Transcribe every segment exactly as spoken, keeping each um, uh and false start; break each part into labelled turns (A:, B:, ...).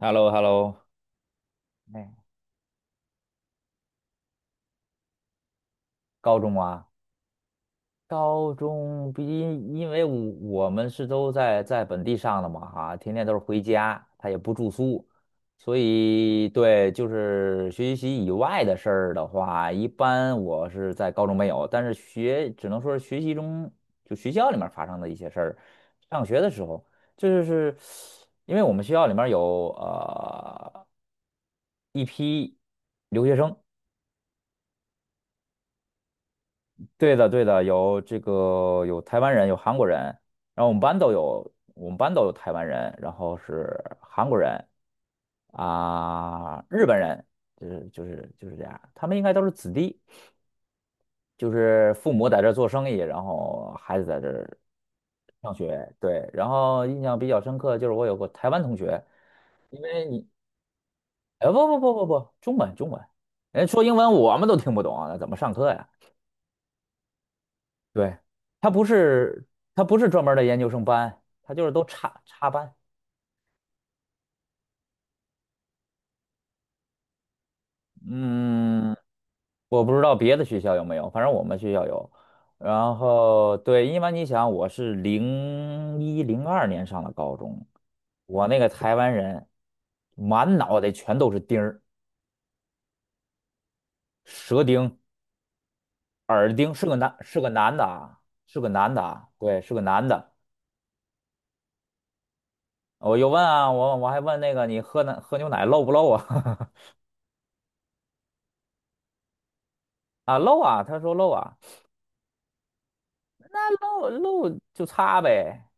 A: h e l l o h e l l o 哎，高中啊，高中毕竟因为我我们是都在在本地上的嘛，哈、天天都是回家，他也不住宿，所以对，就是学习以外的事儿的话，一般我是在高中没有，但是学只能说是学习中就学校里面发生的一些事儿，上学的时候，这就是因为我们学校里面有呃一批留学生。对的，对的，有这个有台湾人，有韩国人，然后我们班都有，我们班都有台湾人，然后是韩国人啊，日本人，就是就是就是这样，他们应该都是子弟，就是父母在这儿做生意，然后孩子在这儿上学，对，然后印象比较深刻就是我有个台湾同学，因为你，哎，不不不不不，中文中文，人家说英文我们都听不懂啊，那怎么上课呀？对，他不是他不是专门儿的研究生班，他就是都插插班。嗯，我不知道别的学校有没有，反正我们学校有。然后对，因为你想，我是零一零二年上的高中，我那个台湾人满脑袋全都是钉儿、舌钉、耳钉，是个男是个男的啊，是个男的啊，对，是个男的。我又问啊，我我还问那个你喝奶喝牛奶漏不漏啊？啊漏啊，他说漏啊。那露露就擦呗，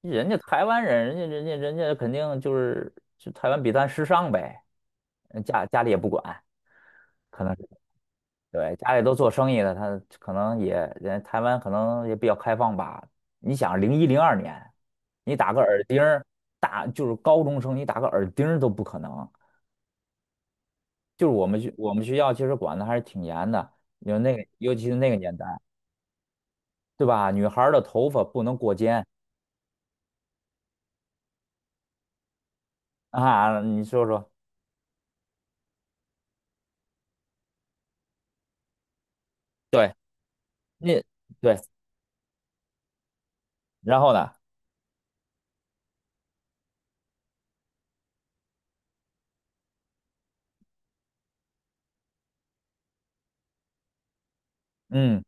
A: 人家台湾人，人家人家人家肯定就是就台湾比咱时尚呗，嗯家家里也不管，可能是对家里都做生意的，他可能也人台湾可能也比较开放吧。你想零一零二年，你打个耳钉儿，大就是高中生，你打个耳钉儿都不可能。就是我们学我们学校其实管的还是挺严的，因为那个尤其是那个年代，对吧？女孩儿的头发不能过肩啊，你说说。对。你对，然后呢？嗯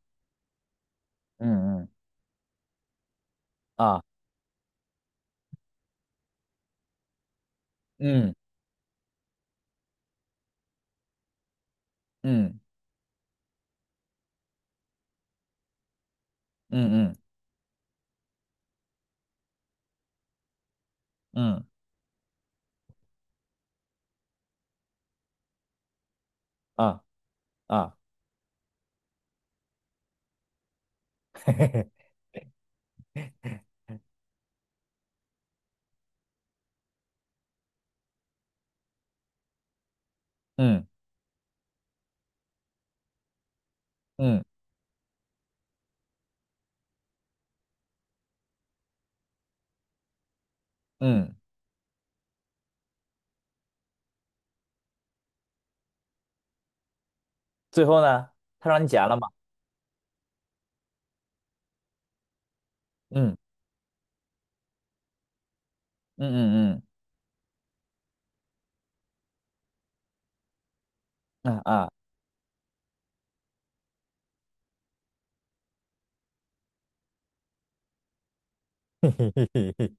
A: 嗯嗯啊，嗯嗯嗯嗯嗯啊啊，嘿嘿嘿，嗯嗯嗯，最后呢，他让你剪了吗？嗯嗯嗯嗯啊啊，嘿嘿嘿嘿，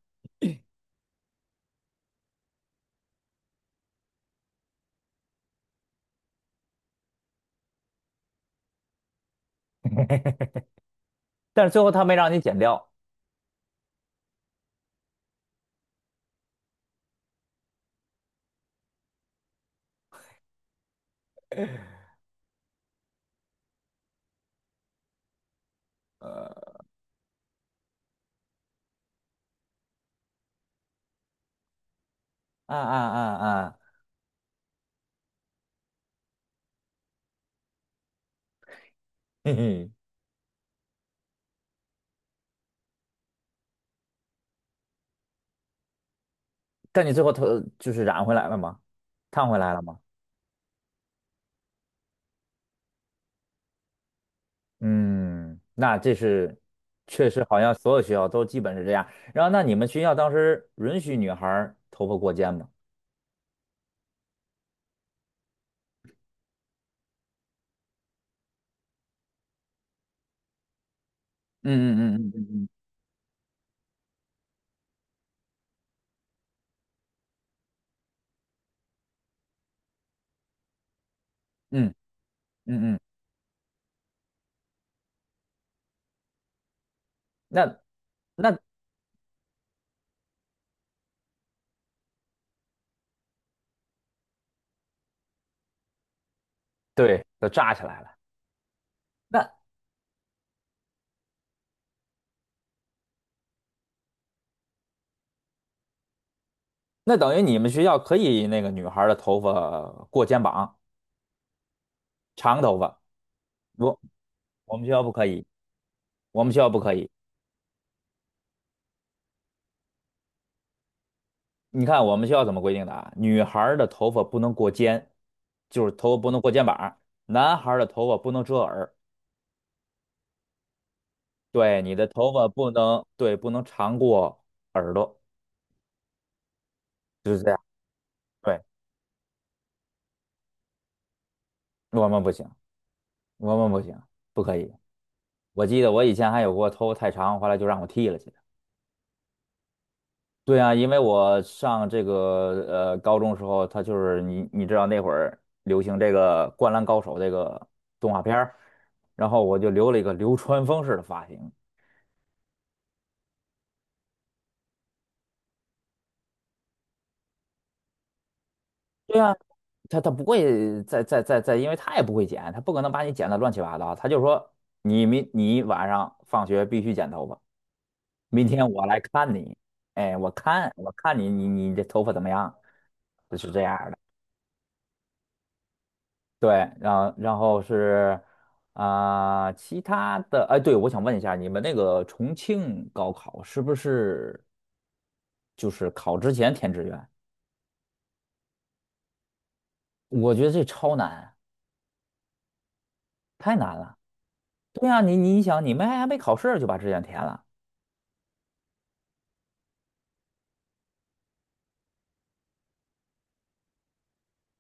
A: 但是最后他没让你剪掉，呃啊啊啊啊，嘿嘿，但你最后头就是染回来了吗？烫回来了吗？嗯，那这是确实好像所有学校都基本是这样。然后那你们学校当时允许女孩儿头发过肩吗？嗯嗯嗯嗯嗯嗯嗯嗯嗯嗯那那对，都扎起来了。那那等于你们学校可以那个女孩儿的头发过肩膀，长头发，我我们学校不可以，我们学校不可以。你看我们学校怎么规定的啊？女孩儿的头发不能过肩，就是头发不能过肩膀；男孩儿的头发不能遮耳。对，你的头发不能，对，不能长过耳朵，就是这样。对，我们不行，我们不行，不可以。我记得我以前还有过头发太长，后来就让我剃了去的对啊，因为我上这个呃高中时候，他就是你你知道那会儿流行这个《灌篮高手》这个动画片儿，然后我就留了一个流川枫式的发型。对啊，他他不会再再再再，因为他也不会剪，他不可能把你剪得乱七八糟，他就说你明你晚上放学必须剪头发，明天我来看你，哎，我看我看你你你这头发怎么样，就是这样。的。对，然后然后是啊、其他的，哎，对，我想问一下，你们那个重庆高考是不是就是考之前填志愿？我觉得这超难，太难了。对呀、你你想，你们还没考试就把志愿填了？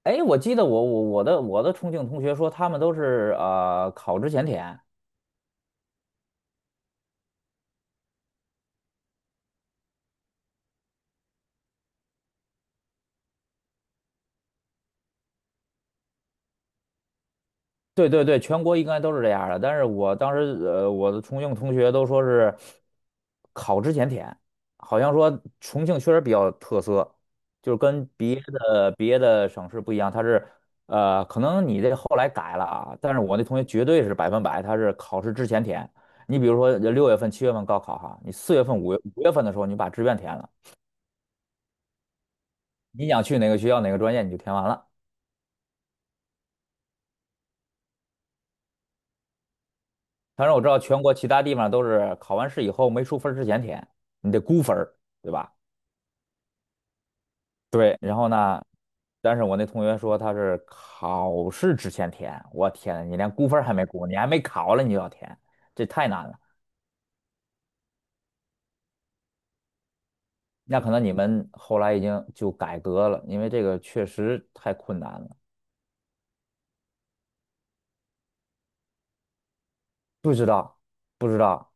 A: 哎，我记得我我我的我的重庆同学说，他们都是呃考之前填，对对对，全国应该都是这样儿的。但是我当时，呃，我的重庆同学都说是考之前填，好像说重庆确实比较特色，就是跟别的别的省市不一样，它是呃，可能你这后来改了啊，但是我那同学绝对是百分百，他是考试之前填。你比如说呃六月份、七月份高考哈，你四月份、五月五月份的时候你把志愿填了，你想去哪个学校、哪个专业你就填完了。当然我知道全国其他地方都是考完试以后没出分儿之前填，你得估分儿，对吧？对，然后呢，但是我那同学说他是考试之前填，我天，你连估分儿还没估，你还没考了你就要填，这太难了。那可能你们后来已经就改革了，因为这个确实太困难了。不知道，不知道。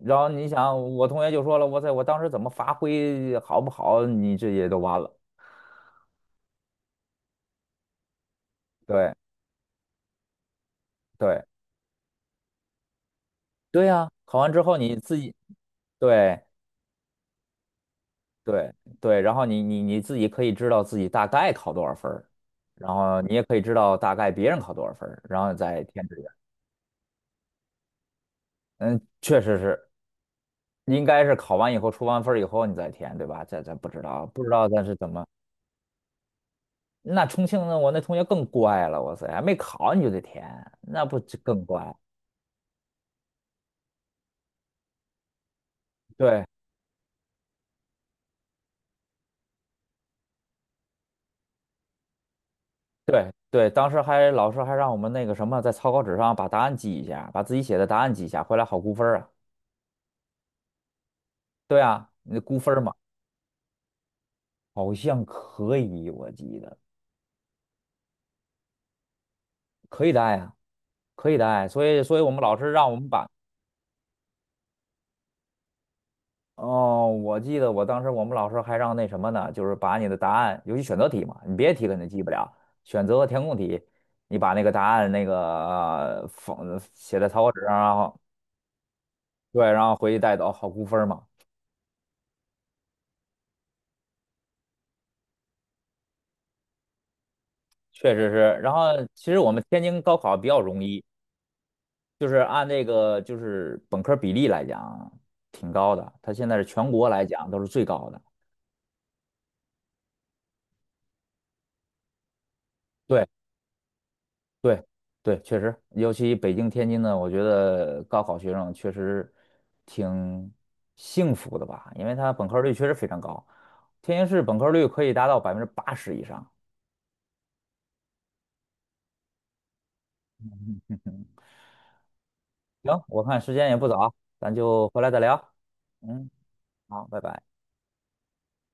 A: 然后你想，我同学就说了，我在我当时怎么发挥好不好，你这也都完了。对对对呀、考完之后你自己对，对对，然后你你你自己可以知道自己大概考多少分儿，然后你也可以知道大概别人考多少分儿，然后再填志愿。嗯，确实是，应该是考完以后出完分儿以后你再填，对吧？这这不知道，不知道咱是怎么。那重庆的我那同学更乖了，哇塞，还没考你就得填，那不就更乖？对对对，当时还老师还让我们那个什么，在草稿纸上把答案记一下，把自己写的答案记一下，回来好估分儿啊。对啊，那估分儿嘛，好像可以，我记得。可以带呀，可以带。所以，所以我们老师让我们把，哦，我记得我当时我们老师还让那什么呢，就是把你的答案，尤其选择题嘛，你别题肯定记不了，选择和填空题，你把那个答案那个呃放写在草稿纸上，然后对，然后回去带走，好估分儿嘛。确实是，然后其实我们天津高考比较容易，就是按这个就是本科比例来讲挺高的，它现在是全国来讲都是最高的。对。对，对，确实，尤其北京、天津呢，我觉得高考学生确实挺幸福的吧，因为他本科率确实非常高，天津市本科率可以达到百分之八十以上。行，我看时间也不早，咱就回来再聊。嗯，好，拜拜。